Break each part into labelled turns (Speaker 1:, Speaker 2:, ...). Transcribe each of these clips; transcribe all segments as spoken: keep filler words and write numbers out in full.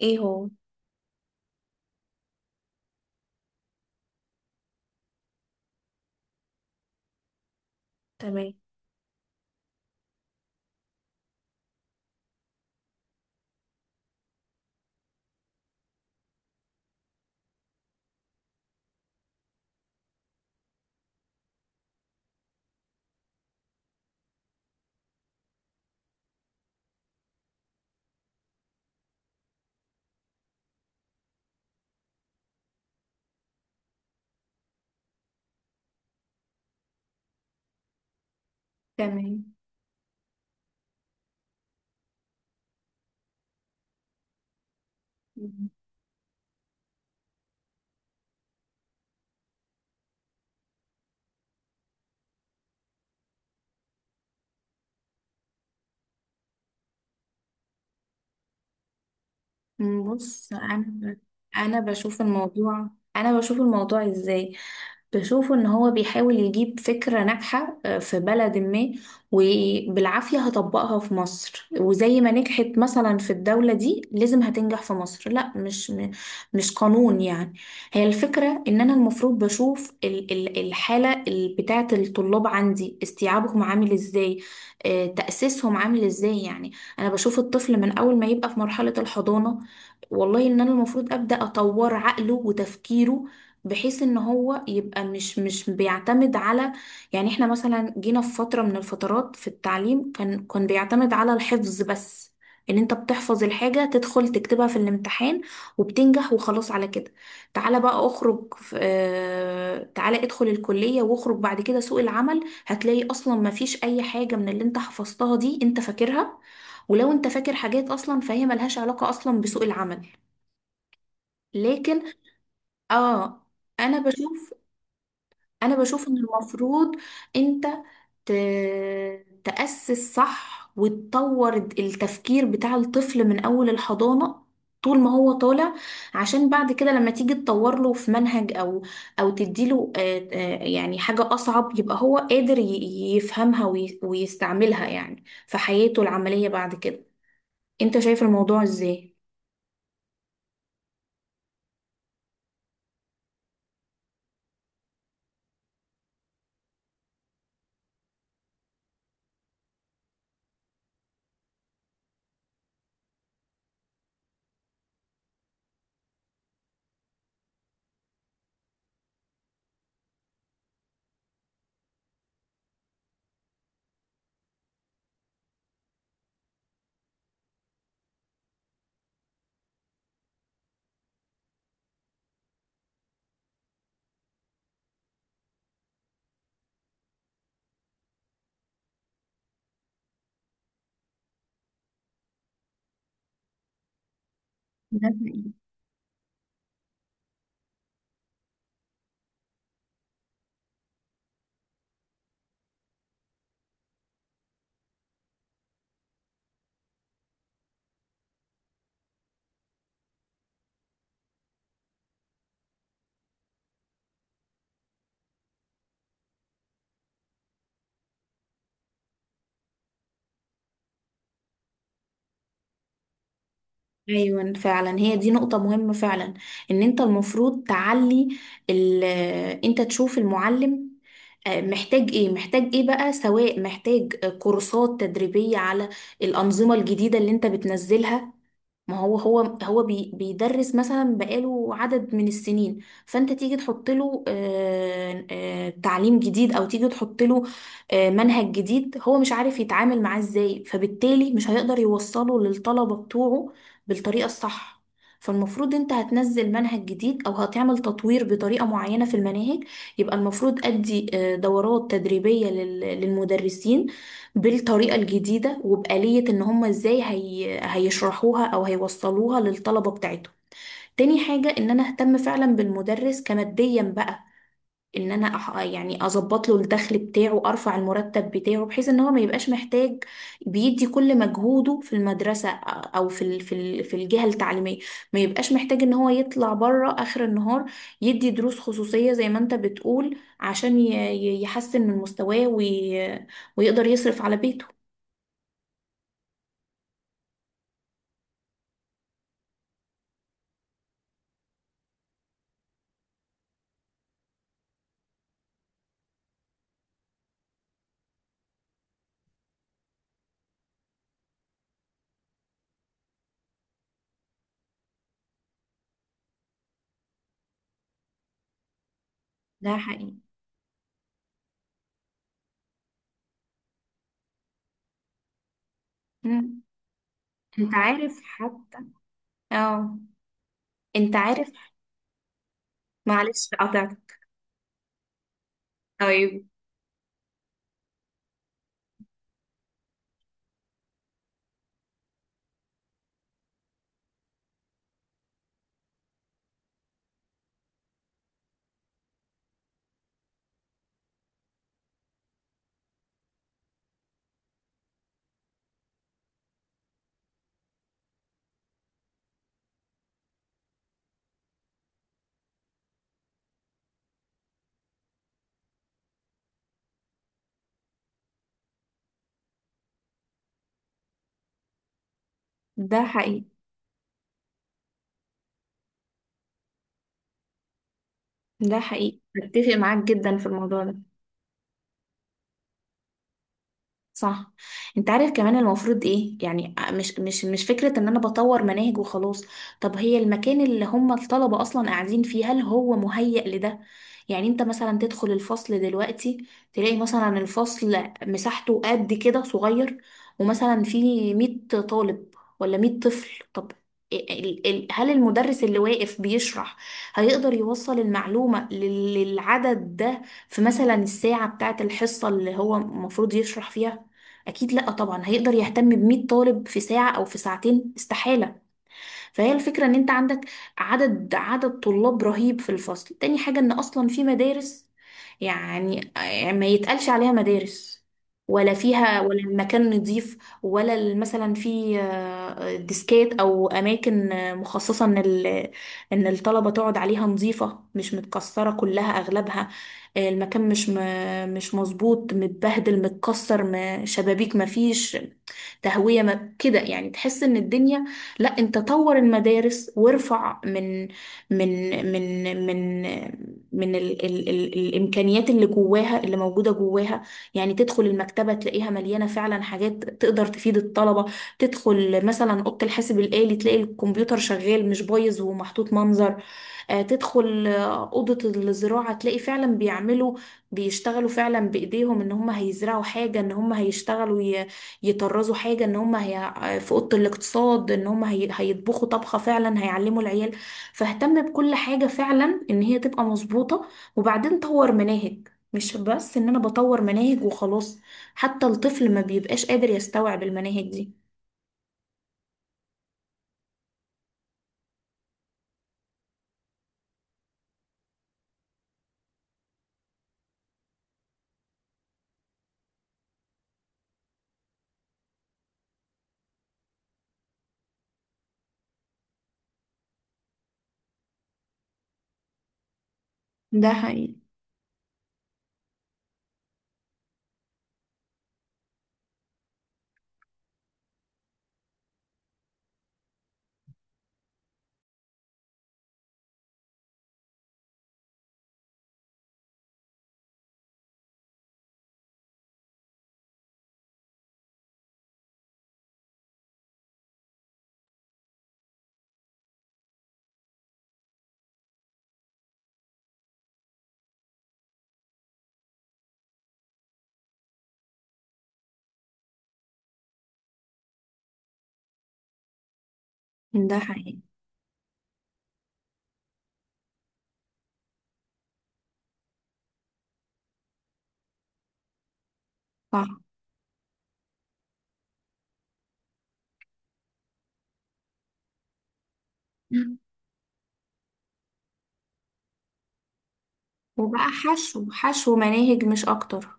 Speaker 1: ايه هو؟ تمام. تمام. مم. مم، بص انا. انا بشوف الموضوع انا بشوف الموضوع ازاي. بشوف ان هو بيحاول يجيب فكرة ناجحة، آه، في بلد ما، وبالعافية هطبقها في مصر، وزي ما نجحت مثلا في الدولة دي لازم هتنجح في مصر. لا، مش م- مش قانون يعني. هي الفكرة ان انا المفروض بشوف ال- ال- الحالة ال- بتاعة الطلاب عندي، استيعابهم عامل ازاي، آه، تأسيسهم عامل ازاي. يعني انا بشوف الطفل من اول ما يبقى في مرحلة الحضانة، والله ان انا المفروض ابدا اطور عقله وتفكيره، بحيث ان هو يبقى مش مش بيعتمد على، يعني احنا مثلا جينا في فتره من الفترات في التعليم كان كان بيعتمد على الحفظ بس، ان انت بتحفظ الحاجه تدخل تكتبها في الامتحان وبتنجح وخلاص على كده. تعالى بقى اخرج في آه تعالى ادخل الكليه واخرج بعد كده سوق العمل هتلاقي اصلا ما فيش اي حاجه من اللي انت حفظتها دي انت فاكرها، ولو انت فاكر حاجات اصلا فهي ملهاش علاقه اصلا بسوق العمل. لكن اه، انا بشوف انا بشوف ان المفروض انت ت... تأسس صح وتطور التفكير بتاع الطفل من اول الحضانة طول ما هو طالع، عشان بعد كده لما تيجي تطور له في منهج او او تديله، آه، آه، يعني حاجة اصعب، يبقى هو قادر ي- يفهمها وي- ويستعملها يعني في حياته العملية بعد كده. انت شايف الموضوع ازاي؟ ده حقيقي. ايوه فعلا، هي دي نقطة مهمة فعلا. ان انت المفروض تعلي ال آه، انت تشوف المعلم آه، محتاج ايه، محتاج ايه بقى، سواء محتاج آه، كورسات تدريبية على الأنظمة الجديدة اللي انت بتنزلها. ما هو هو هو بي بيدرس مثلا بقاله عدد من السنين، فانت تيجي تحط له آه، آه، تعليم جديد او تيجي تحط له آه، منهج جديد، هو مش عارف يتعامل معاه ازاي، فبالتالي مش هيقدر يوصله للطلبة بتوعه بالطريقة الصح. فالمفروض انت هتنزل منهج جديد او هتعمل تطوير بطريقة معينة في المناهج، يبقى المفروض ادي آه، دورات تدريبية لل- للمدرسين بالطريقة الجديدة، وبآلية ان هم ازاي هي... هيشرحوها او هيوصلوها للطلبة بتاعتهم. تاني حاجة، ان انا اهتم فعلا بالمدرس كماديا بقى، ان انا أح... يعني اظبط له الدخل بتاعه، ارفع المرتب بتاعه، بحيث ان هو ما يبقاش محتاج، بيدي كل مجهوده في المدرسة او في ال... في ال... في الجهة التعليمية، ما يبقاش محتاج ان هو يطلع بره اخر النهار يدي دروس خصوصية زي ما انت بتقول، عشان ي... ي- يحسن من مستواه وي... ويقدر يصرف على بيته. ده حقيقي. مم. انت عارف حتى. اه. انت عارف. معلش قطعت. طيب. ده حقيقي. ده حقيقي، اتفق معاك جدا في الموضوع ده. صح. انت عارف كمان المفروض ايه؟ يعني مش مش مش فكرة ان انا بطور مناهج وخلاص. طب هي المكان اللي هم الطلبة اصلا قاعدين فيه، هل هو مهيأ لده؟ يعني انت مثلا تدخل الفصل دلوقتي، تلاقي مثلا الفصل مساحته قد كده صغير، ومثلا فيه مية طالب ولا مية طفل. طب ال- ال- ال- هل المدرس اللي واقف بيشرح هيقدر يوصل المعلومة لل- للعدد ده في مثلا الساعة بتاعة الحصة اللي هو المفروض يشرح فيها؟ اكيد لا طبعا، هيقدر يهتم ب مية طالب في ساعة او في ساعتين؟ استحالة. فهي الفكرة ان انت عندك عدد عدد طلاب رهيب في الفصل. تاني حاجة، ان اصلا في مدارس، يعني آه، ما يتقالش عليها مدارس، ولا فيها ولا المكان نظيف، ولا ال- مثلا في آه، ديسكات او اماكن آه، مخصصه ان ال- ان الطلبه تقعد عليها، نظيفه مش متكسره، كلها اغلبها آه، المكان مش م- مش مظبوط، متبهدل، متكسر، ما- شبابيك مفيش تهويه، ما كده يعني تحس ان الدنيا. لا، انت طور المدارس وارفع من من من من من ال ال ال الامكانيات اللي جواها، اللي موجوده جواها. يعني تدخل المكتبه تلاقيها مليانه فعلا حاجات تقدر تفيد الطلبه، تدخل مثلا اوضه الحاسب الالي تلاقي الكمبيوتر شغال مش بايظ ومحطوط منظر، آه، تدخل آه، أوضة الزراعة تلاقي فعلا بيعملوا، بيشتغلوا فعلا بإيديهم، إن هم هيزرعوا حاجة، إن هم هيشتغلوا ي- يطرزوا حاجة، إن هم هي آه، في أوضة الاقتصاد إن هم هي... هيطبخوا طبخة فعلا، هيعلموا العيال. فاهتم بكل حاجة فعلا إن هي تبقى مظبوطة، وبعدين طور مناهج. مش بس إن أنا بطور مناهج وخلاص، حتى الطفل ما بيبقاش قادر يستوعب المناهج دي. ده حقيقي. ده حقيقي. صح. مم. وبقى حشو، حشو مناهج مش أكتر.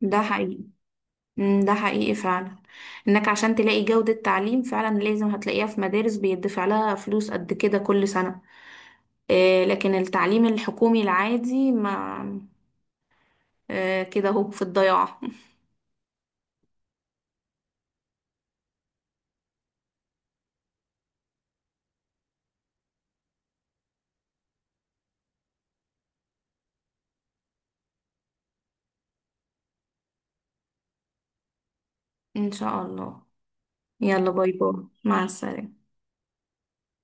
Speaker 1: ده حقيقي. مم، ده حقيقي فعلا، انك عشان تلاقي جودة تعليم فعلا لازم هتلاقيها في مدارس بيدفع لها فلوس قد كده كل سنة. آه، لكن التعليم الحكومي العادي ما، آه كده اهو في الضياع. ان شاء الله. يلا، باي باي. مع السلامة.